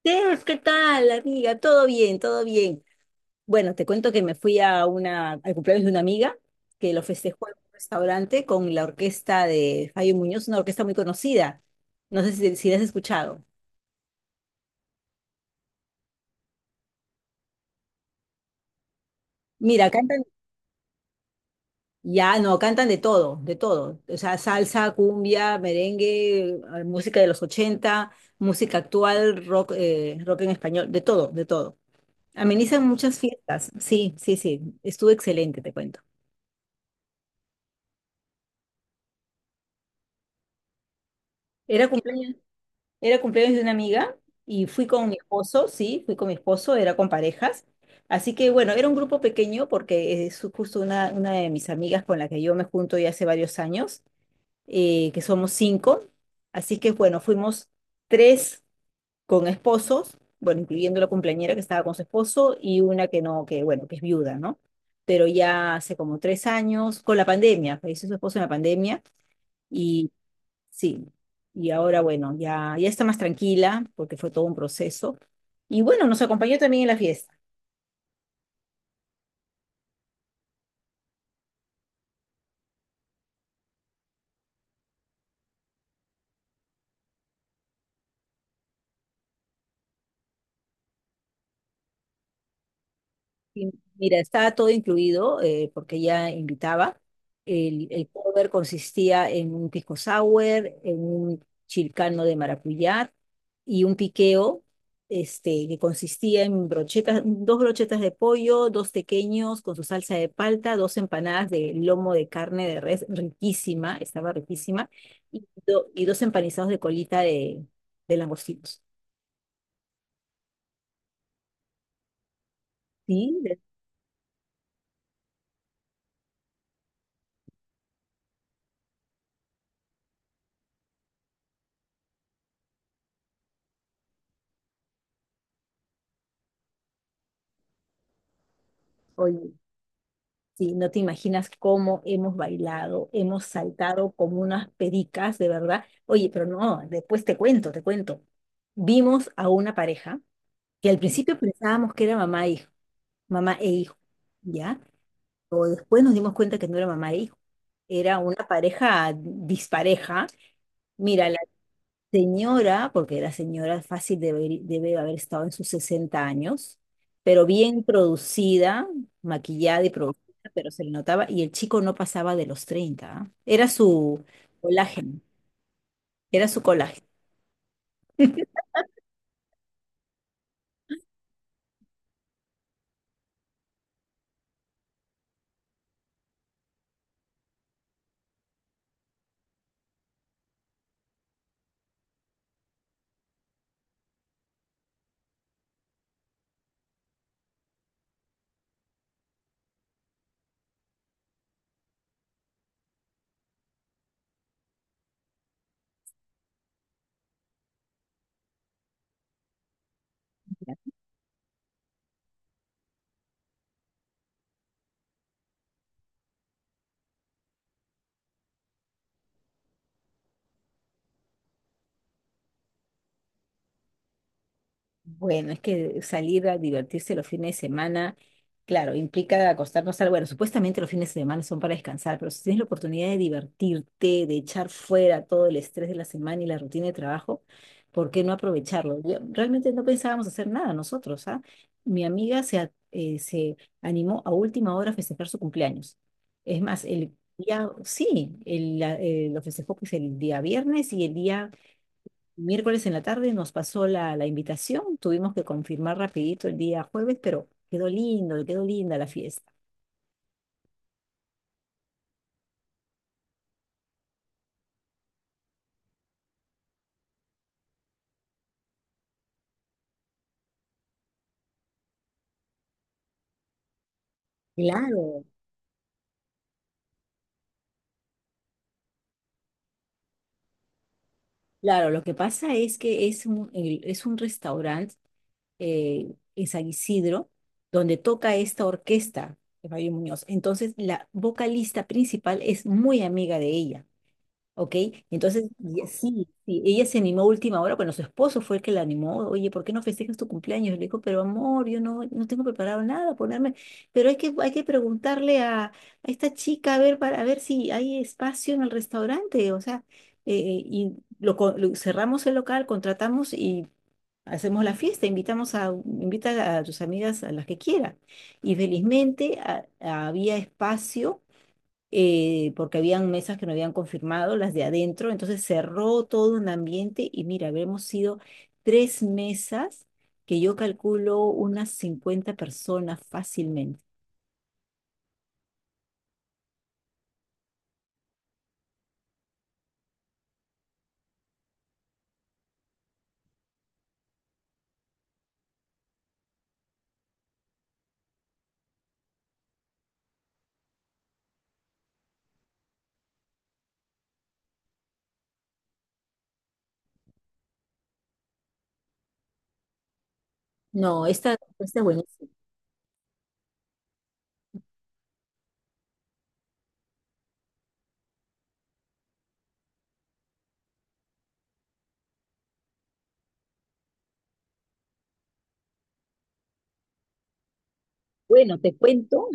Steph, ¿qué tal, amiga? Todo bien, todo bien. Bueno, te cuento que me fui a una, al cumpleaños de una amiga que lo festejó en un restaurante con la orquesta de Fabio Muñoz, una orquesta muy conocida. No sé si la has escuchado. Mira, cantan, ya no, cantan de todo, de todo. O sea, salsa, cumbia, merengue, música de los 80, música actual, rock, rock en español, de todo, de todo. Amenizan muchas fiestas. Sí, sí, sí. Estuvo excelente, te cuento. Era cumpleaños. Era cumpleaños de una amiga y fui con mi esposo, sí, fui con mi esposo, era con parejas. Así que bueno, era un grupo pequeño porque es justo una de mis amigas con la que yo me junto ya hace varios años, que somos cinco. Así que bueno, fuimos tres con esposos, bueno, incluyendo la cumpleañera que estaba con su esposo y una que no, que bueno, que es viuda, ¿no? Pero ya hace como tres años, con la pandemia, falleció su esposo en la pandemia y sí, y ahora bueno, ya está más tranquila porque fue todo un proceso. Y bueno, nos acompañó también en la fiesta. Sí, mira, estaba todo incluido porque ella invitaba. El cover consistía en un pisco sour, en un chilcano de maracuyá y un piqueo este, que consistía en brochetas, dos brochetas de pollo, dos tequeños con su salsa de palta, dos empanadas de lomo de carne de res, riquísima, estaba riquísima, y dos empanizados de colita de langostinos. Sí, oye, sí, no te imaginas cómo hemos bailado, hemos saltado como unas pericas, de verdad. Oye, pero no, después te cuento, te cuento. Vimos a una pareja que al principio pensábamos que era mamá e hijo, ¿ya? Pero después nos dimos cuenta que no era mamá e hijo, era una pareja dispareja. Mira, la señora, porque la señora fácil debe, debe haber estado en sus 60 años, pero bien producida, maquillada y producida, pero se le notaba, y el chico no pasaba de los 30. ¿Ah? Era su colágeno, era su colágeno. Bueno, es que salir a divertirse los fines de semana, claro, implica acostarnos al... Bueno, supuestamente los fines de semana son para descansar, pero si tienes la oportunidad de divertirte, de echar fuera todo el estrés de la semana y la rutina de trabajo, ¿por qué no aprovecharlo? Realmente no pensábamos hacer nada nosotros, ¿ah? Mi amiga se animó a última hora a festejar su cumpleaños. Es más, el día, sí, el, la- lo festejó pues el día viernes y el día miércoles en la tarde nos pasó la invitación, tuvimos que confirmar rapidito el día jueves, pero quedó lindo, quedó linda la fiesta. Claro. Claro, lo que pasa es que es es un restaurante eh, en San Isidro donde toca esta orquesta de Mario Muñoz. Entonces, la vocalista principal es muy amiga de ella. ¿Ok? Entonces, sí, sí, ella se animó a última hora, bueno, su esposo fue el que la animó, oye, ¿por qué no festejas tu cumpleaños? Y le dijo, pero amor, yo no tengo preparado nada, ponerme, pero hay que preguntarle a esta chica a ver, para, a ver si hay espacio en el restaurante, o sea, eh, y cerramos el local, contratamos y hacemos la fiesta, invita a tus amigas a las que quiera. Y felizmente había espacio porque habían mesas que no habían confirmado, las de adentro, entonces cerró todo un ambiente y mira, habremos sido tres mesas que yo calculo unas 50 personas fácilmente. No, esta es buenísima. Bueno, te cuento.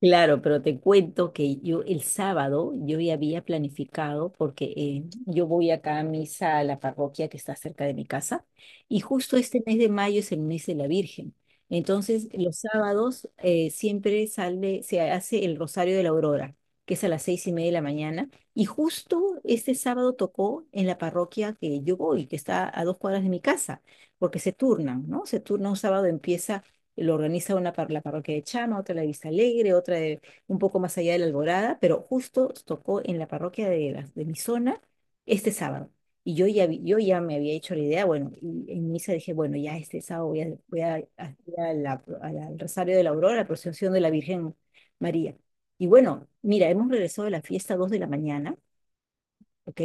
Claro, pero te cuento que yo el sábado yo ya había planificado porque yo voy acá a misa a la parroquia que está cerca de mi casa y justo este mes de mayo es el mes de la Virgen. Entonces los sábados siempre sale, se hace el Rosario de la Aurora, que es a las seis y media de la mañana y justo este sábado tocó en la parroquia que yo voy, que está a dos cuadras de mi casa, porque se turnan, ¿no? Se turna un sábado empieza lo organiza la parroquia de Chama, otra la de Vista Alegre, un poco más allá de la Alborada, pero justo tocó en la parroquia de, de mi zona este sábado. Y yo ya, yo ya me había hecho la idea, bueno, y en misa dije, bueno, ya este sábado voy a, al Rosario de la Aurora, la procesión de la Virgen María. Y bueno, mira, hemos regresado a la fiesta a 2 de la mañana, ¿ok?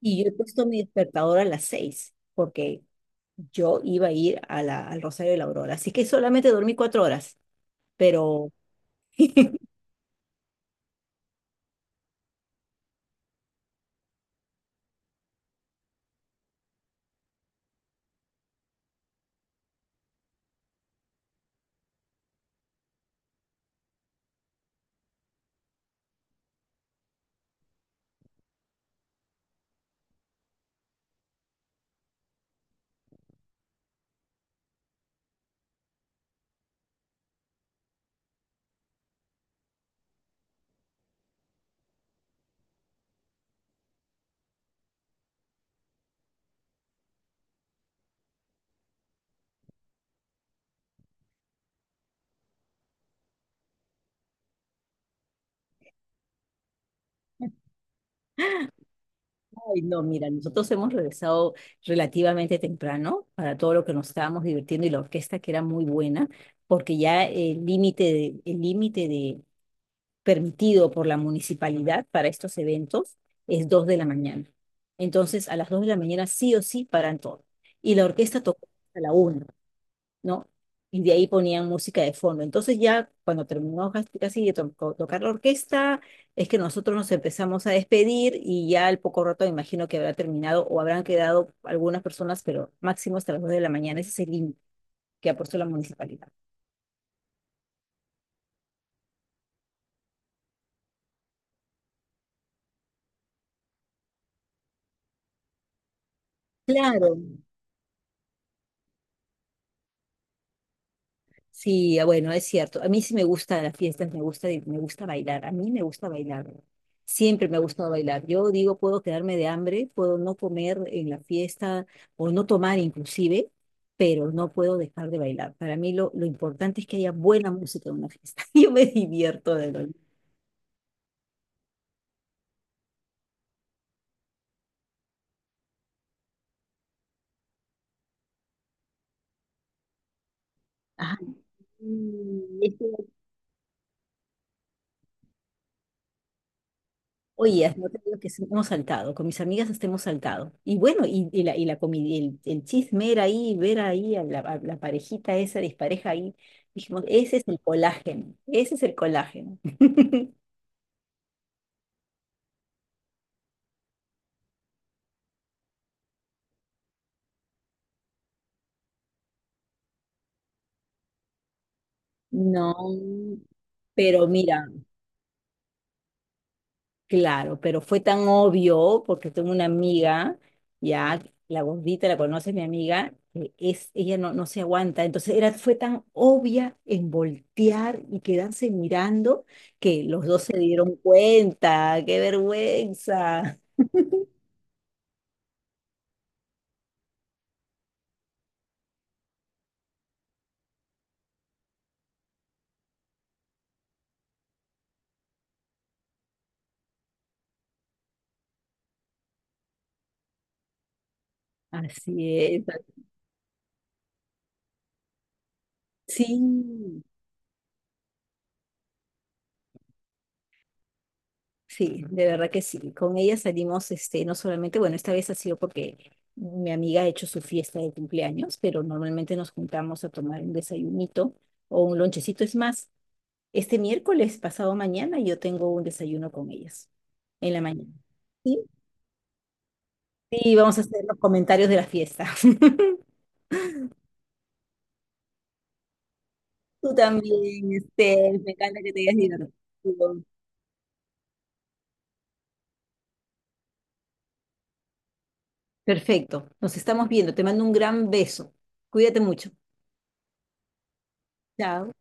Y yo he puesto mi despertador a las 6 porque yo iba a ir al Rosario de la Aurora. Así que solamente dormí cuatro horas pero, ay, no, mira, nosotros hemos regresado relativamente temprano para todo lo que nos estábamos divirtiendo y la orquesta que era muy buena, porque ya el límite de permitido por la municipalidad para estos eventos es dos de la mañana. Entonces, a las 2 de la mañana sí o sí paran todo. Y la orquesta tocó a la una, ¿no? Y de ahí ponían música de fondo. Entonces ya cuando terminó casi de tocar la orquesta, es que nosotros nos empezamos a despedir y ya al poco rato me imagino que habrá terminado o habrán quedado algunas personas, pero máximo hasta las 2 de la mañana. Ese es el límite que ha puesto la municipalidad. Claro, sí, ah, bueno, es cierto. A mí sí me gustan las fiestas, me gusta bailar. A mí me gusta bailar. Siempre me ha gustado bailar. Yo digo, puedo quedarme de hambre, puedo no comer en la fiesta o no tomar inclusive, pero no puedo dejar de bailar. Para mí lo importante es que haya buena música en una fiesta. Yo me divierto de lo. Ay, oye, no te digo que sí, hemos saltado, con mis amigas hasta hemos saltado. Y bueno, y la el chisme era ahí, ver ahí a la parejita esa dispareja ahí. Dijimos, ese es el colágeno, ese es el colágeno. No, pero mira. Claro, pero fue tan obvio porque tengo una amiga, ya la gordita la conoce mi amiga, que es ella no se aguanta, entonces era fue tan obvia en voltear y quedarse mirando que los dos se dieron cuenta, qué vergüenza. Así es. Sí, sí, de verdad que sí. Con ella salimos, este, no solamente, bueno, esta vez ha sido porque mi amiga ha hecho su fiesta de cumpleaños, pero normalmente nos juntamos a tomar un desayunito o un lonchecito. Es más, este miércoles, pasado mañana, yo tengo un desayuno con ellas en la mañana. Sí, sí, vamos a hacer los comentarios de la fiesta. Tú también, este, me encanta que te hayas divertido. Perfecto, nos estamos viendo. Te mando un gran beso. Cuídate mucho. Chao.